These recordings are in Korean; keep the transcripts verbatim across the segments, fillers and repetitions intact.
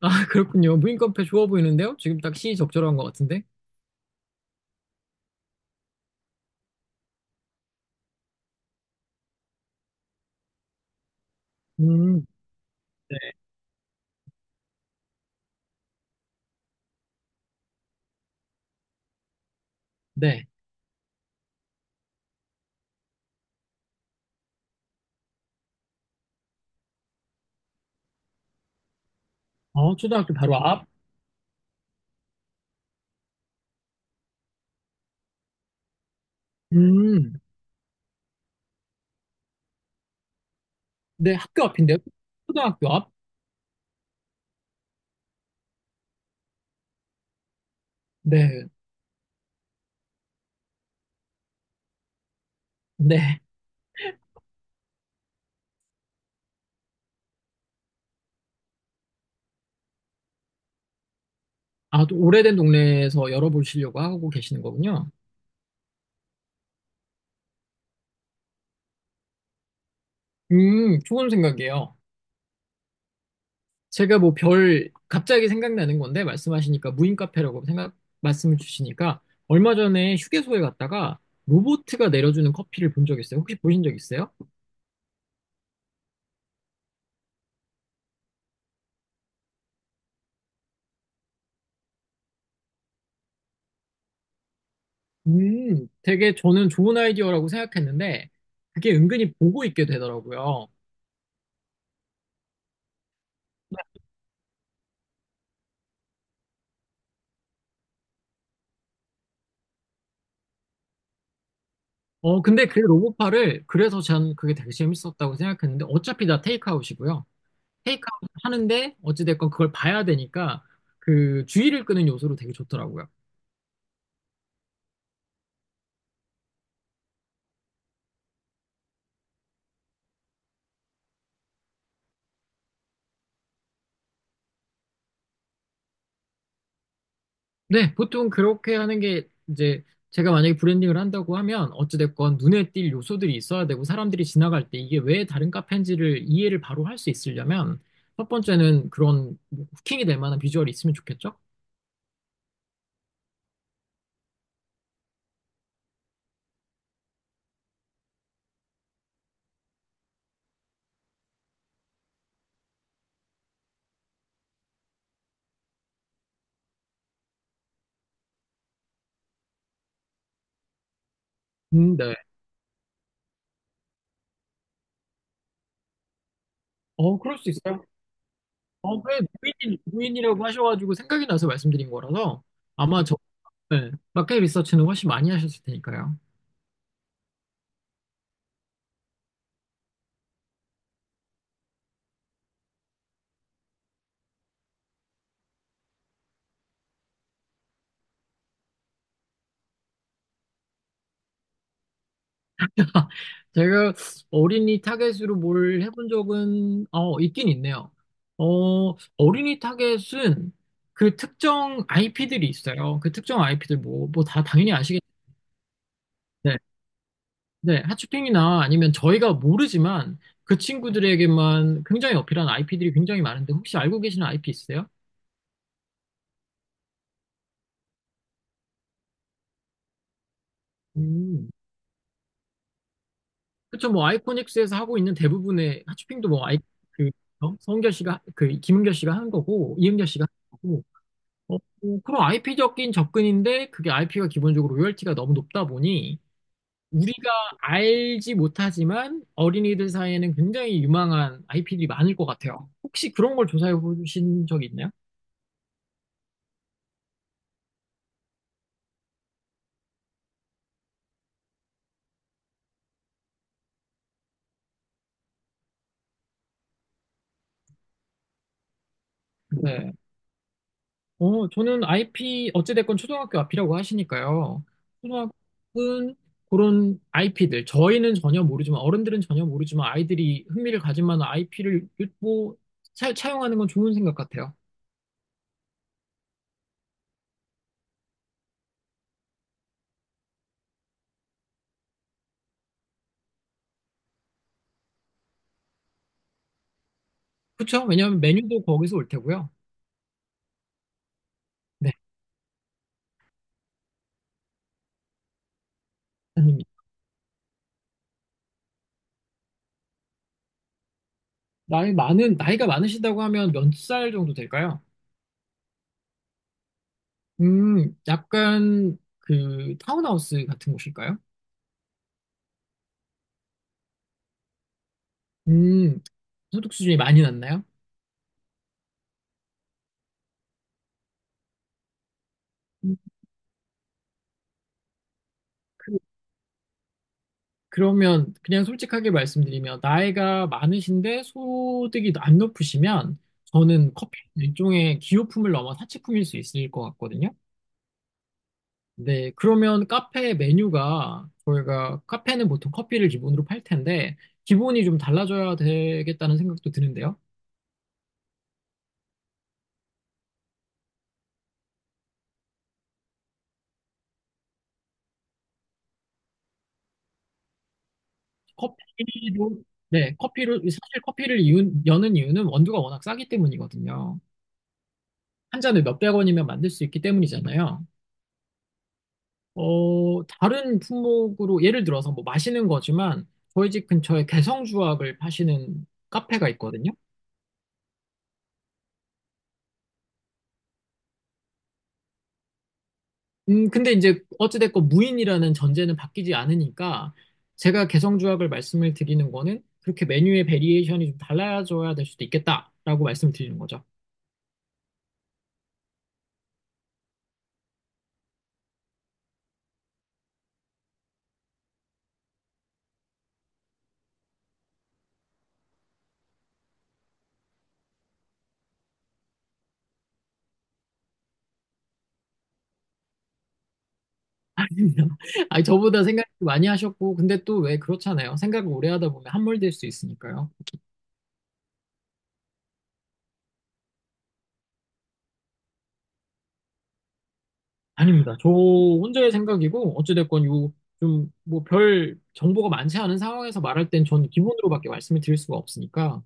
아, 그렇군요. 무인 카페 좋아 보이는데요? 지금 딱 시기 적절한 것 같은데? 음, 네. 네. 아, 초등학교 바로 앞? 음, 네, 학교 앞인데요? 초등학교 앞? 네, 네. 아, 또 오래된 동네에서 열어보시려고 하고 계시는 거군요. 음, 좋은 생각이에요. 제가 뭐 별, 갑자기 생각나는 건데, 말씀하시니까 무인 카페라고 생각, 말씀을 주시니까, 얼마 전에 휴게소에 갔다가 로보트가 내려주는 커피를 본 적 있어요? 혹시 보신 적 있어요? 음, 되게 저는 좋은 아이디어라고 생각했는데, 그게 은근히 보고 있게 되더라고요. 어, 근데 그 로봇파를, 그래서 저는 그게 되게 재밌었다고 생각했는데, 어차피 다 테이크아웃이고요. 테이크아웃 하는데, 어찌됐건 그걸 봐야 되니까, 그 주의를 끄는 요소로 되게 좋더라고요. 네, 보통 그렇게 하는 게 이제 제가 만약에 브랜딩을 한다고 하면 어찌됐건 눈에 띌 요소들이 있어야 되고 사람들이 지나갈 때 이게 왜 다른 카페인지를 이해를 바로 할 수 있으려면 첫 번째는 그런 후킹이 될 만한 비주얼이 있으면 좋겠죠? 음, 네. 어, 그럴 수 있어요. 어, 왜 무인, 무인이라고 하셔가지고 생각이 나서 말씀드린 거라서 아마 저, 네, 마켓 리서치는 훨씬 많이 하셨을 테니까요. 제가 어린이 타겟으로 뭘 해본 적은 어, 있긴 있네요. 어, 어린이 타겟은 그 특정 아이피들이 있어요. 그 특정 아이피들 뭐, 뭐 다 당연히 아시겠는데, 네, 핫쇼핑이나 아니면 저희가 모르지만 그 친구들에게만 굉장히 어필한 아이피들이 굉장히 많은데 혹시 알고 계시는 아이피 있어요? 음, 그쵸, 뭐 아이코닉스에서 하고 있는 대부분의 핫쇼핑도 뭐 아이, 그 어? 성은결 씨가 그 김은결 씨가 한 거고 이은결 씨가 한 거고 어, 그런 아이피적인 접근인데 그게 아이피가 기본적으로 로열티가 너무 높다 보니 우리가 알지 못하지만 어린이들 사이에는 굉장히 유망한 아이피들이 많을 것 같아요. 혹시 그런 걸 조사해 보신 적 있나요? 네. 어, 저는 아이피 어찌됐건 초등학교 앞이라고 하시니까요. 초등학교는 그런 아이피들 저희는 전혀 모르지만 어른들은 전혀 모르지만 아이들이 흥미를 가질 만한 아이피를 뭐 차- 차용하는 건 좋은 생각 같아요. 그렇죠? 왜냐하면 메뉴도 거기서 올 테고요. 네. 아닙니다. 나이 많은, 나이가 많으시다고 하면 몇 살 정도 될까요? 음, 약간 그 타운하우스 같은 곳일까요? 음, 소득 수준이 많이 낮나요? 음, 그, 그러면 그냥 솔직하게 말씀드리면 나이가 많으신데 소득이 안 높으시면 저는 커피 일종의 기호품을 넘어 사치품일 수 있을 것 같거든요. 네, 그러면 카페 메뉴가 저희가 카페는 보통 커피를 기본으로 팔 텐데 기본이 좀 달라져야 되겠다는 생각도 드는데요. 커피로 네, 커피를 사실 커피를 이 여는 이유는 원두가 워낙 싸기 때문이거든요. 한 잔에 몇백 원이면 만들 수 있기 때문이잖아요. 어, 다른 품목으로 예를 들어서 뭐 마시는 거지만 저희 집 근처에 개성주악을 파시는 카페가 있거든요. 음, 근데 이제 어찌됐건 무인이라는 전제는 바뀌지 않으니까 제가 개성주악을 말씀을 드리는 거는 그렇게 메뉴의 베리에이션이 좀 달라져야 될 수도 있겠다라고 말씀을 드리는 거죠. 아닙니다. 아니, 저보다 생각 많이 하셨고, 근데 또 왜 그렇잖아요. 생각을 오래 하다 보면 함몰될 수 있으니까요. 아닙니다. 저 혼자의 생각이고, 어찌됐건 요, 좀, 뭐, 별 정보가 많지 않은 상황에서 말할 땐 전 기본으로밖에 말씀을 드릴 수가 없으니까.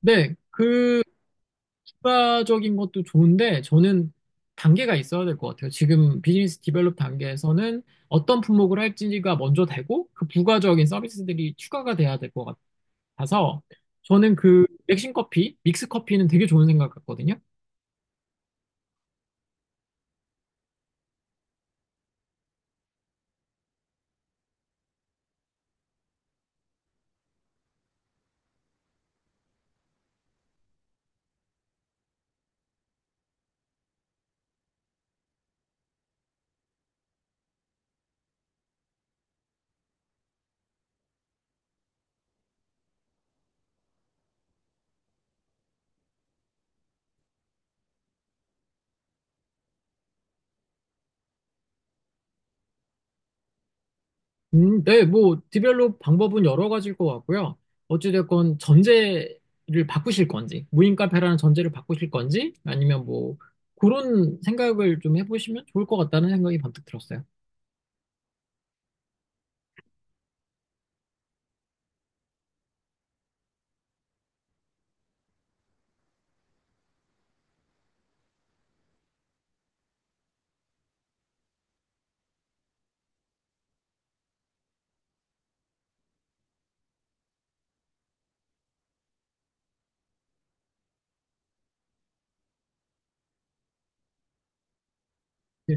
네, 그, 추가적인 것도 좋은데, 저는 단계가 있어야 될 것 같아요. 지금 비즈니스 디벨롭 단계에서는 어떤 품목을 할지가 먼저 되고, 그 부가적인 서비스들이 추가가 돼야 될 것 같아요. 가서 저는 그 백신 커피, 믹스 커피는 되게 좋은 생각 같거든요. 음, 네, 뭐 디벨롭 방법은 여러 가지일 것 같고요. 어찌됐건 전제를 바꾸실 건지, 무인 카페라는 전제를 바꾸실 건지, 아니면 뭐 그런 생각을 좀 해보시면 좋을 것 같다는 생각이 번뜩 들었어요. 네.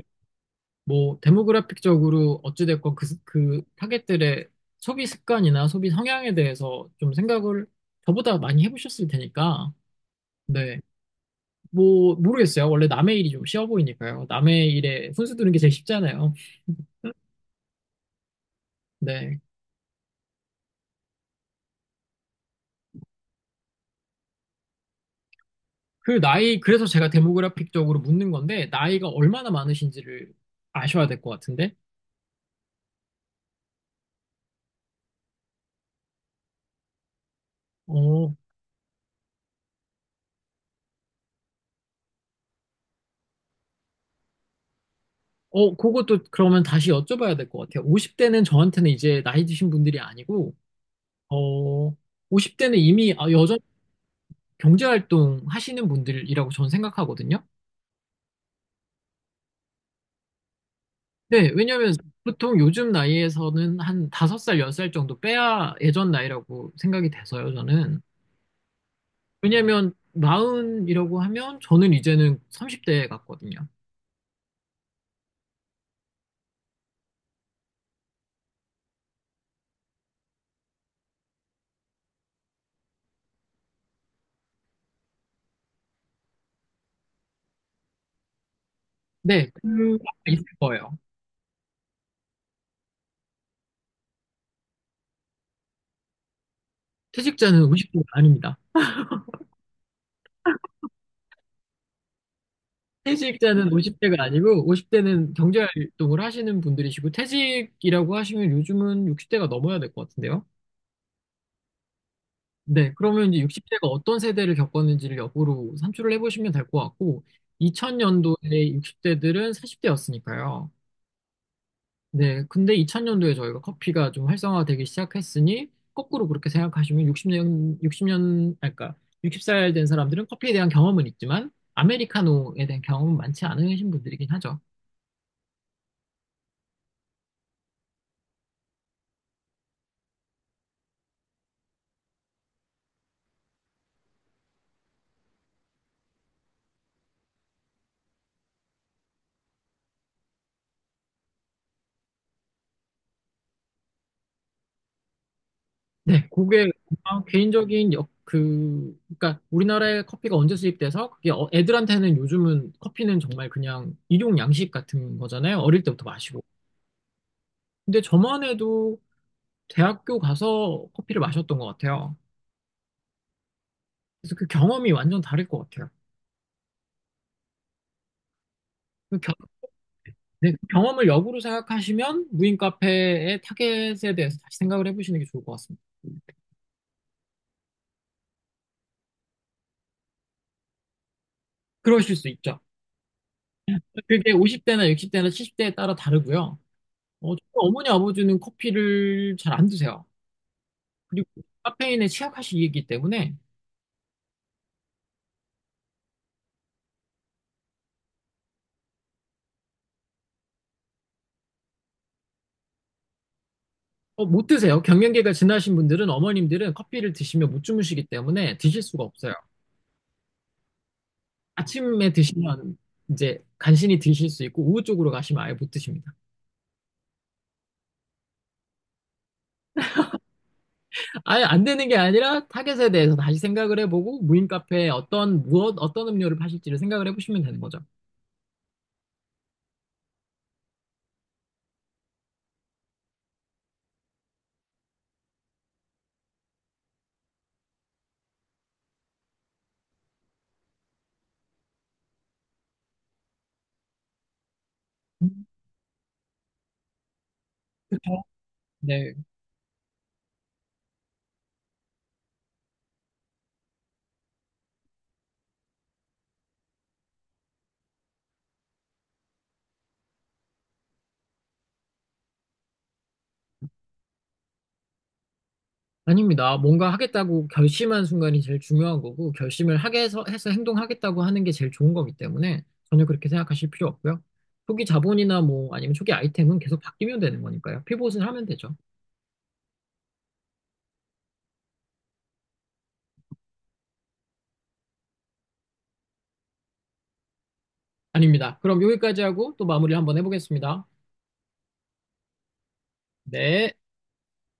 뭐 데모그래픽적으로 어찌됐건 그, 그 타겟들의 소비 습관이나 소비 성향에 대해서 좀 생각을 저보다 많이 해보셨을 테니까, 네. 뭐 모르겠어요. 원래 남의 일이 좀 쉬워 보이니까요. 남의 일에 훈수 두는 게 제일 쉽잖아요. 네. 그 나이, 그래서 제가 데모그래픽적으로 묻는 건데, 나이가 얼마나 많으신지를 아셔야 될 것 같은데? 어, 어, 그것도 그러면 다시 여쭤봐야 될 것 같아요. 오십 대는 저한테는 이제 나이 드신 분들이 아니고, 어, 오십 대는 이미 아, 여전 경제활동 하시는 분들이라고 저는 생각하거든요. 네, 왜냐면 보통 요즘 나이에서는 한 다섯 살, 열 살 정도 빼야 예전 나이라고 생각이 돼서요, 저는. 왜냐면 마흔이라고 하면 저는 이제는 삼십 대 같거든요. 네, 그 아마 있을 거예요. 퇴직자는 오십 대가 아닙니다. 퇴직자는 오십 대가 아니고 오십 대는 경제활동을 하시는 분들이시고 퇴직이라고 하시면 요즘은 육십 대가 넘어야 될 것 같은데요. 네, 그러면 이제 육십 대가 어떤 세대를 겪었는지를 역으로 산출을 해보시면 될 것 같고, 이천 년도에 육십 대들은 사십 대였으니까요. 네, 근데 이천 년도에 저희가 커피가 좀 활성화되기 시작했으니, 거꾸로 그렇게 생각하시면 육십 년, 육십 년, 아니, 그러니까 예순 살 된 사람들은 커피에 대한 경험은 있지만, 아메리카노에 대한 경험은 많지 않으신 분들이긴 하죠. 네, 그게 그냥 개인적인 역, 그, 그러니까 우리나라에 커피가 언제 수입돼서 그게 어- 애들한테는 요즘은 커피는 정말 그냥 일용 양식 같은 거잖아요. 어릴 때부터 마시고. 근데 저만 해도 대학교 가서 커피를 마셨던 것 같아요. 그래서 그 경험이 완전 다를 것 같아요. 그 겨- 네, 그 경험을 역으로 생각하시면 무인 카페의 타겟에 대해서 다시 생각을 해보시는 게 좋을 것 같습니다. 그러실 수 있죠. 그게 오십 대나 육십 대나 칠십 대에 따라 다르고요. 어, 저희 어머니 아버지는 커피를 잘 안 드세요. 그리고 카페인에 취약하시기 때문에 어, 못 드세요. 경련기가 지나신 분들은 어머님들은 커피를 드시면 못 주무시기 때문에 드실 수가 없어요. 아침에 드시면 이제 간신히 드실 수 있고 오후 쪽으로 가시면 아예 못 드십니다. 아예 안 되는 게 아니라 타겟에 대해서 다시 생각을 해보고 무인 카페에 어떤 무엇 어떤 음료를 파실지를 생각을 해보시면 되는 거죠. 음. 네. 아닙니다. 뭔가 하겠다고 결심한 순간이 제일 중요한 거고, 결심을 하게 해서, 해서 행동하겠다고 하는 게 제일 좋은 거기 때문에 전혀 그렇게 생각하실 필요 없고요. 초기 자본이나 뭐 아니면 초기 아이템은 계속 바뀌면 되는 거니까요. 피봇을 하면 되죠. 아닙니다. 그럼 여기까지 하고 또 마무리 한번 해보겠습니다. 네.